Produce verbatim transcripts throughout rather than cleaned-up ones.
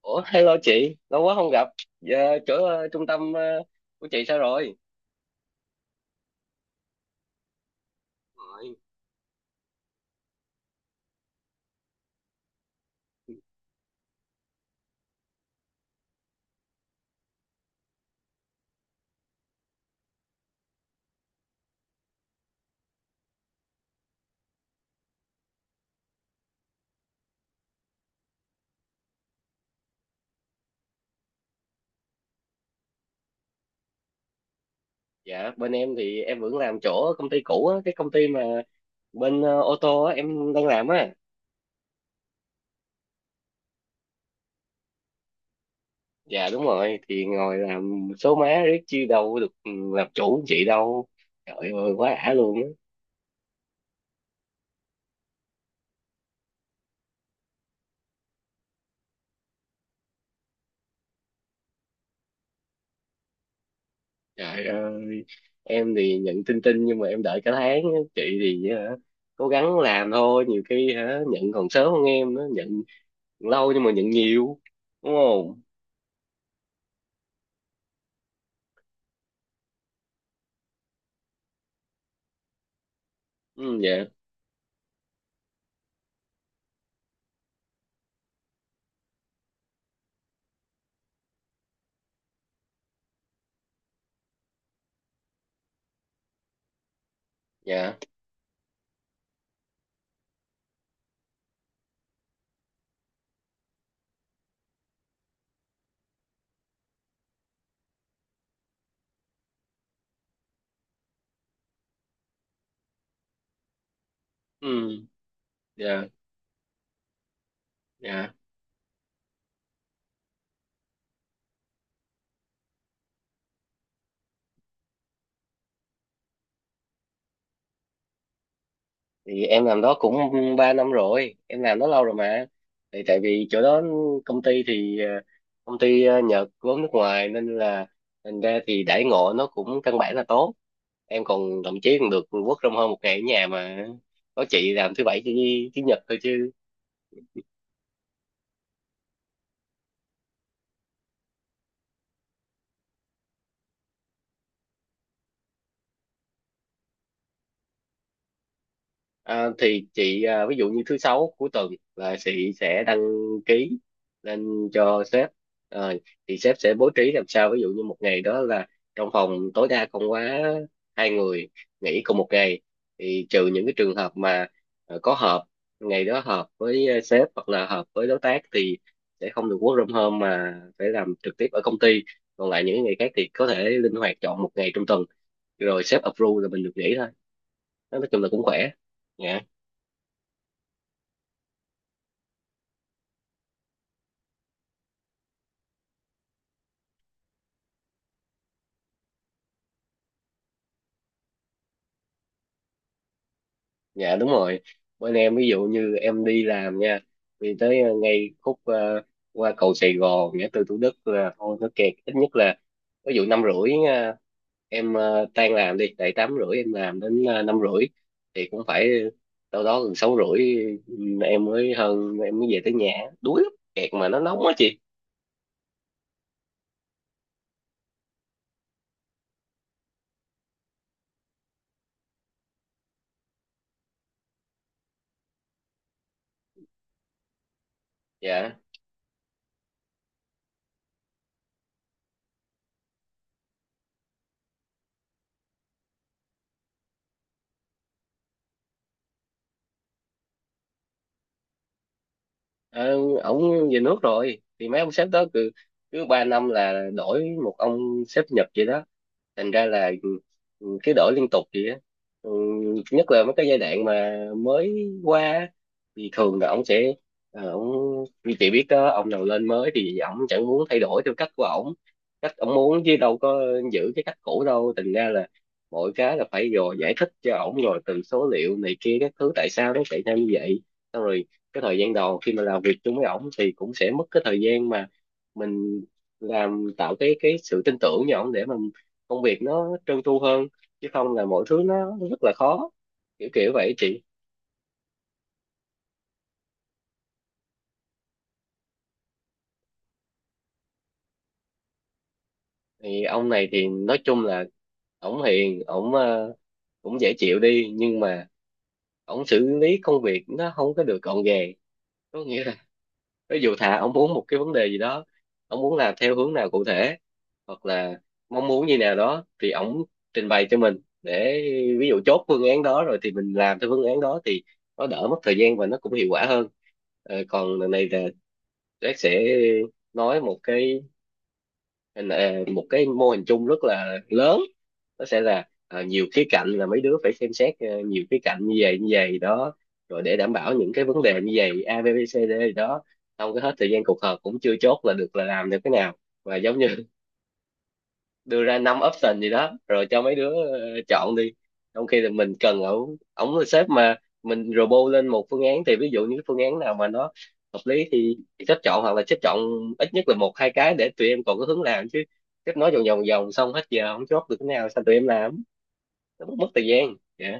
Ủa, hello chị, lâu quá không gặp. Dạ, chỗ ờ, trung tâm ờ, của chị sao rồi? Rồi. Dạ, bên em thì em vẫn làm chỗ ở công ty cũ á, cái công ty mà bên ờ, ô tô á, em đang làm á. Dạ đúng rồi, thì ngồi làm số má riết chi đâu được ừ, làm chủ chị đâu. Trời ơi, quá ả luôn á. Trời ơi, em thì nhận tin tin nhưng mà em đợi cả tháng á. Chị thì ờ, cố gắng làm thôi, nhiều khi hả, nhận còn sớm hơn em nữa, nhận lâu nhưng mà nhận nhiều. Đúng không? Ừ. Dạ. Dạ. Ừ. Dạ. Dạ. Thì em làm đó cũng ba năm rồi, em làm đó lâu rồi mà. Thì tại vì chỗ đó công ty thì ờ, công ty ờ, Nhật vốn nước ngoài nên là thành ra thì đãi ngộ nó cũng căn bản là tốt. Em còn thậm chí còn được work from home một ngày ở nhà mà, có chị làm thứ bảy chủ, chủ nhật thôi chứ. À, thì chị à, ví dụ như thứ sáu cuối tuần là chị sẽ đăng ký lên cho sếp. Ờ, thì sếp sẽ bố trí làm sao, ví dụ như một ngày đó là trong phòng tối đa không quá hai người nghỉ cùng một ngày, thì trừ những cái trường hợp mà ờ, có họp, ngày đó họp với ờ, sếp hoặc là họp với đối tác thì sẽ không được work from home mà phải làm trực tiếp ở công ty. Còn lại những ngày khác thì có thể linh hoạt chọn một ngày trong tuần, rồi sếp approve là mình được nghỉ thôi. Nói chung là cũng khỏe. Dạ. Dạ đúng rồi, bên em ví dụ như em đi làm nha, thì tới ờ, ngay khúc ờ, qua cầu Sài Gòn ngã tư Thủ Đức là thôi nó kẹt, ít nhất là ví dụ năm rưỡi ờ, em ờ, tan làm đi, tại tám rưỡi em làm đến ờ, năm rưỡi thì cũng phải đâu đó gần sáu rưỡi ừ, em mới hơn em mới về tới nhà. Đuối lắm, kẹt mà nó nóng quá chị. Dạ. Ờ, Ổng về nước rồi, thì mấy ông sếp đó cứ cứ ba năm là đổi một ông sếp Nhật vậy đó, thành ra là ừ, cứ đổi liên tục vậy á. ừ, Nhất là mấy cái giai đoạn mà mới qua á, thì thường là ông sẽ ờ, ông như chị biết đó, ông nào lên mới thì ông chẳng muốn thay đổi theo cách của ổng, cách ông muốn chứ đâu có giữ cái cách cũ đâu. Thành ra là mọi cái là phải rồi giải thích cho ổng, rồi từ số liệu này kia các thứ tại sao nó xảy ra như vậy, xong rồi cái thời gian đầu khi mà làm việc chung với ổng thì cũng sẽ mất cái thời gian mà mình làm tạo cái cái sự tin tưởng với ổng để mà công việc nó trơn tru hơn, chứ không là mọi thứ nó rất là khó, kiểu kiểu vậy chị. Thì ông này thì nói chung là ổng hiền, ổng ờ, cũng dễ chịu đi nhưng mà ổng xử lý công việc nó không có được gọn gàng, có nghĩa là ví dụ thà ông muốn một cái vấn đề gì đó, ông muốn làm theo hướng nào cụ thể hoặc là mong muốn như nào đó thì ông trình bày cho mình để ví dụ chốt phương án đó rồi thì mình làm theo phương án đó thì nó đỡ mất thời gian và nó cũng hiệu quả hơn. Ờ, còn lần này là Jack sẽ nói một cái, nên là ờ, một cái mô hình chung rất là lớn, nó sẽ là à, nhiều khía cạnh là mấy đứa phải xem xét, ờ, nhiều khía cạnh như vậy như vậy đó, rồi để đảm bảo những cái vấn đề như vậy a bê, bê xê dê gì đó, không có hết thời gian cuộc họp cũng chưa chốt là được là làm được cái nào. Và giống như đưa ra năm option gì đó rồi cho mấy đứa ờ, chọn đi, trong khi là mình cần ổng ổng là sếp mà, mình robot lên một phương án thì ví dụ như cái phương án nào mà nó hợp lý thì sếp chọn, hoặc là sếp chọn ít nhất là một hai cái để tụi em còn có hướng làm chứ. Sếp nói vòng vòng vòng xong hết giờ không chốt được cái nào, sao tụi em làm, nó mất mất thời gian. Dạ.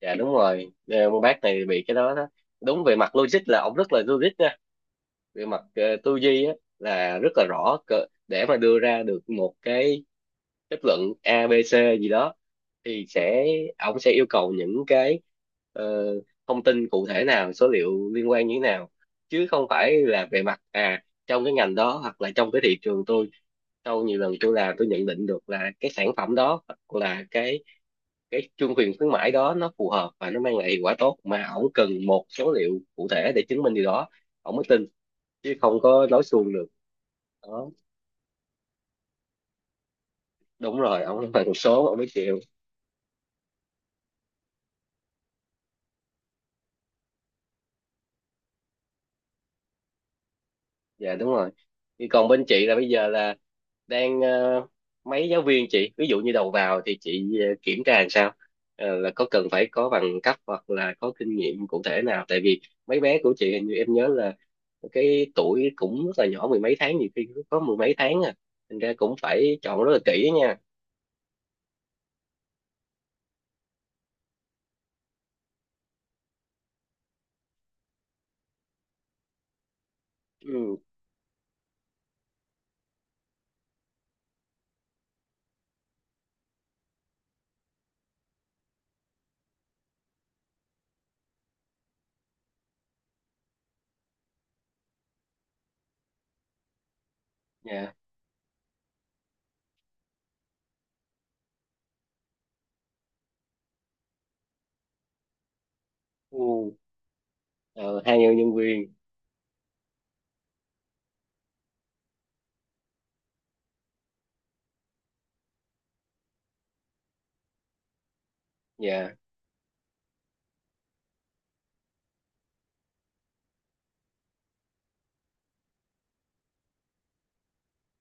Dạ đúng rồi. Ờ, con bác này bị cái đó đó, đúng về mặt logic là ổng rất là logic nha, về mặt ờ, tư duy á là rất là rõ cỡ- để mà đưa ra được một cái kết luận a bê xê gì đó thì sẽ ông sẽ yêu cầu những cái ờ, thông tin cụ thể, nào số liệu liên quan như thế nào, chứ không phải là về mặt à trong cái ngành đó hoặc là trong cái thị trường tôi sau nhiều lần tôi làm tôi nhận định được là cái sản phẩm đó hoặc là cái cái chương quyền khuyến mãi đó nó phù hợp và nó mang lại hiệu quả tốt, mà ổng cần một số liệu cụ thể để chứng minh điều đó ổng mới tin, chứ không có nói suông được đó. Đúng rồi, ổng nói bằng số ổng mới chịu. Dạ đúng rồi. Thì còn bên chị là bây giờ là đang ờ, mấy giáo viên chị ví dụ như đầu vào thì chị ờ, kiểm tra làm sao? Ờ, là có cần phải có bằng cấp hoặc là có kinh nghiệm cụ thể nào, tại vì mấy bé của chị hình như em nhớ là cái tuổi cũng rất là nhỏ, mười mấy tháng, nhiều khi có mười mấy tháng à, thành ra cũng phải chọn rất là kỹ nha. Ừ. Dạ. Ừ. Ờ, hai nhân nhân viên. Dạ.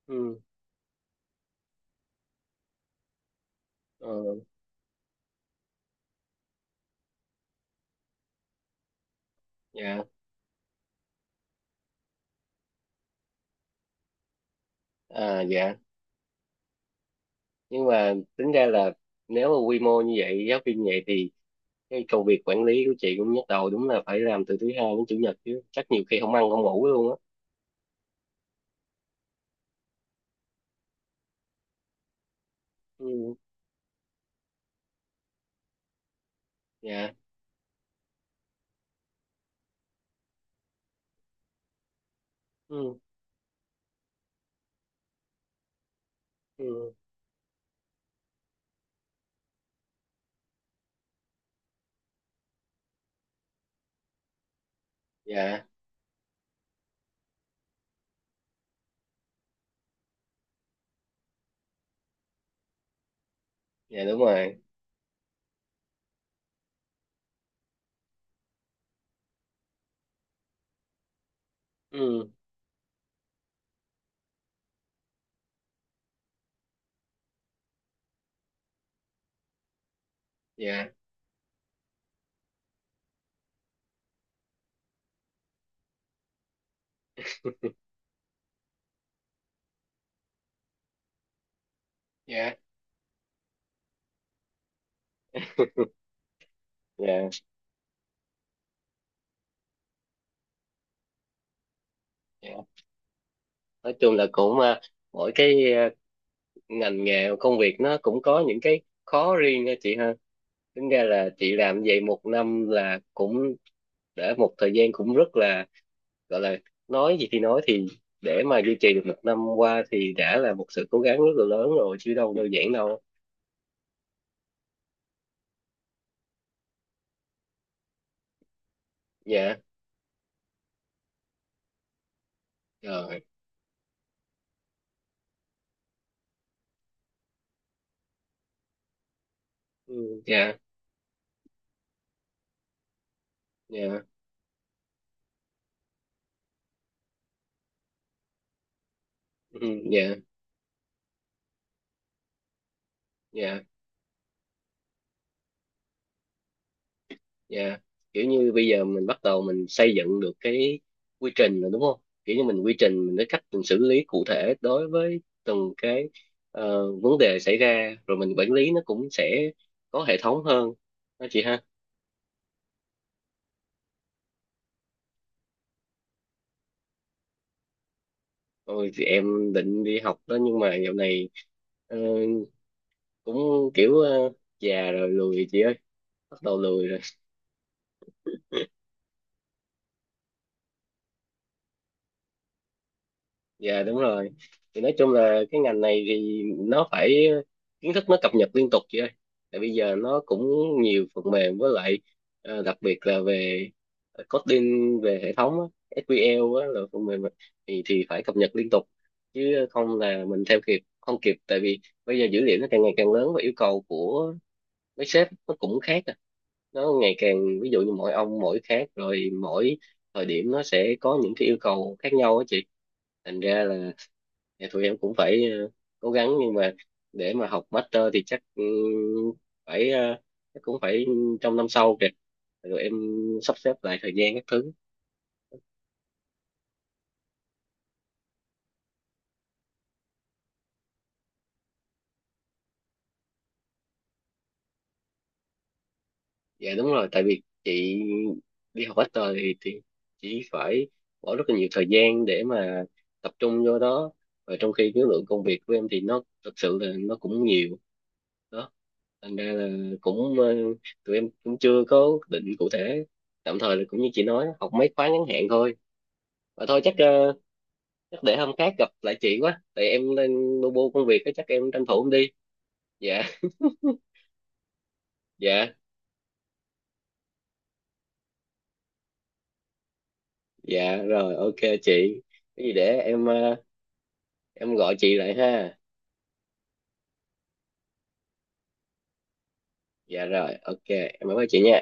Ừ. Ờ. Dạ. À. Dạ. Nhưng mà tính ra là nếu mà quy mô như vậy giáo viên như vậy thì cái công việc quản lý của chị cũng nhức đầu, đúng là phải làm từ thứ hai đến chủ nhật chứ, chắc nhiều khi không ăn không ngủ luôn á. Ừ. Dạ. Ừ. Ừ. Dạ. Dạ đúng rồi. Ừ. Dạ. Dạ. Dạ. Dạ. Nói chung là cũng à, mỗi cái à, ngành nghề công việc nó cũng có những cái khó riêng ha chị ha. Tính ra là chị làm vậy một năm là cũng đã một thời gian, cũng rất là, gọi là, nói gì thì nói thì để mà duy trì được một năm qua thì đã là một sự cố gắng rất là lớn rồi chứ đâu đơn giản đâu. Dạ rồi. Ừ. Dạ. Dạ. Ừ. Dạ. Dạ. Dạ. Kiểu như bây giờ mình bắt đầu mình xây dựng được cái quy trình rồi đúng không, kiểu như mình quy trình mình, cái cách mình xử lý cụ thể đối với từng cái ờ, vấn đề xảy ra, rồi mình quản lý nó cũng sẽ có hệ thống hơn đó chị ha. Rồi thì em định đi học đó nhưng mà dạo này ờ, cũng kiểu ờ, già rồi lười chị ơi, bắt đầu lười rồi. Dạ đúng rồi, thì nói chung là cái ngành này thì nó phải kiến thức nó cập nhật liên tục chị ơi, tại bây giờ nó cũng nhiều phần mềm, với lại ờ, đặc biệt là về coding về hệ thống á, sequel á, là phần mềm á, thì thì phải cập nhật liên tục, chứ không là mình theo kịp không kịp, tại vì bây giờ dữ liệu nó càng ngày càng lớn và yêu cầu của mấy sếp nó cũng khác à, nó ngày càng, ví dụ như mỗi ông mỗi khác rồi, mỗi thời điểm nó sẽ có những cái yêu cầu khác nhau á chị, thành ra là thì tụi em cũng phải ờ, cố gắng, nhưng mà để mà học master thì chắc ừ, phải ờ, chắc cũng phải trong năm sau kìa, rồi em sắp xếp lại thời gian các thứ. Dạ đúng rồi, tại vì chị đi học master thì thì chỉ phải bỏ rất là nhiều thời gian để mà tập trung vô đó, và trong khi cái lượng công việc của em thì nó thực sự là nó cũng nhiều đó, thành ra là cũng ờ, tụi em cũng chưa có định cụ thể, tạm thời là cũng như chị nói học mấy khóa ngắn hạn thôi. Và thôi chắc ờ, chắc để hôm khác gặp lại chị quá, tại em đang bu bu công việc á, chắc em tranh thủ em đi. Dạ. Dạ. Dạ rồi ok chị, cái gì để em ờ, em gọi chị lại ha. Dạ rồi, ok em bye bye chị nha.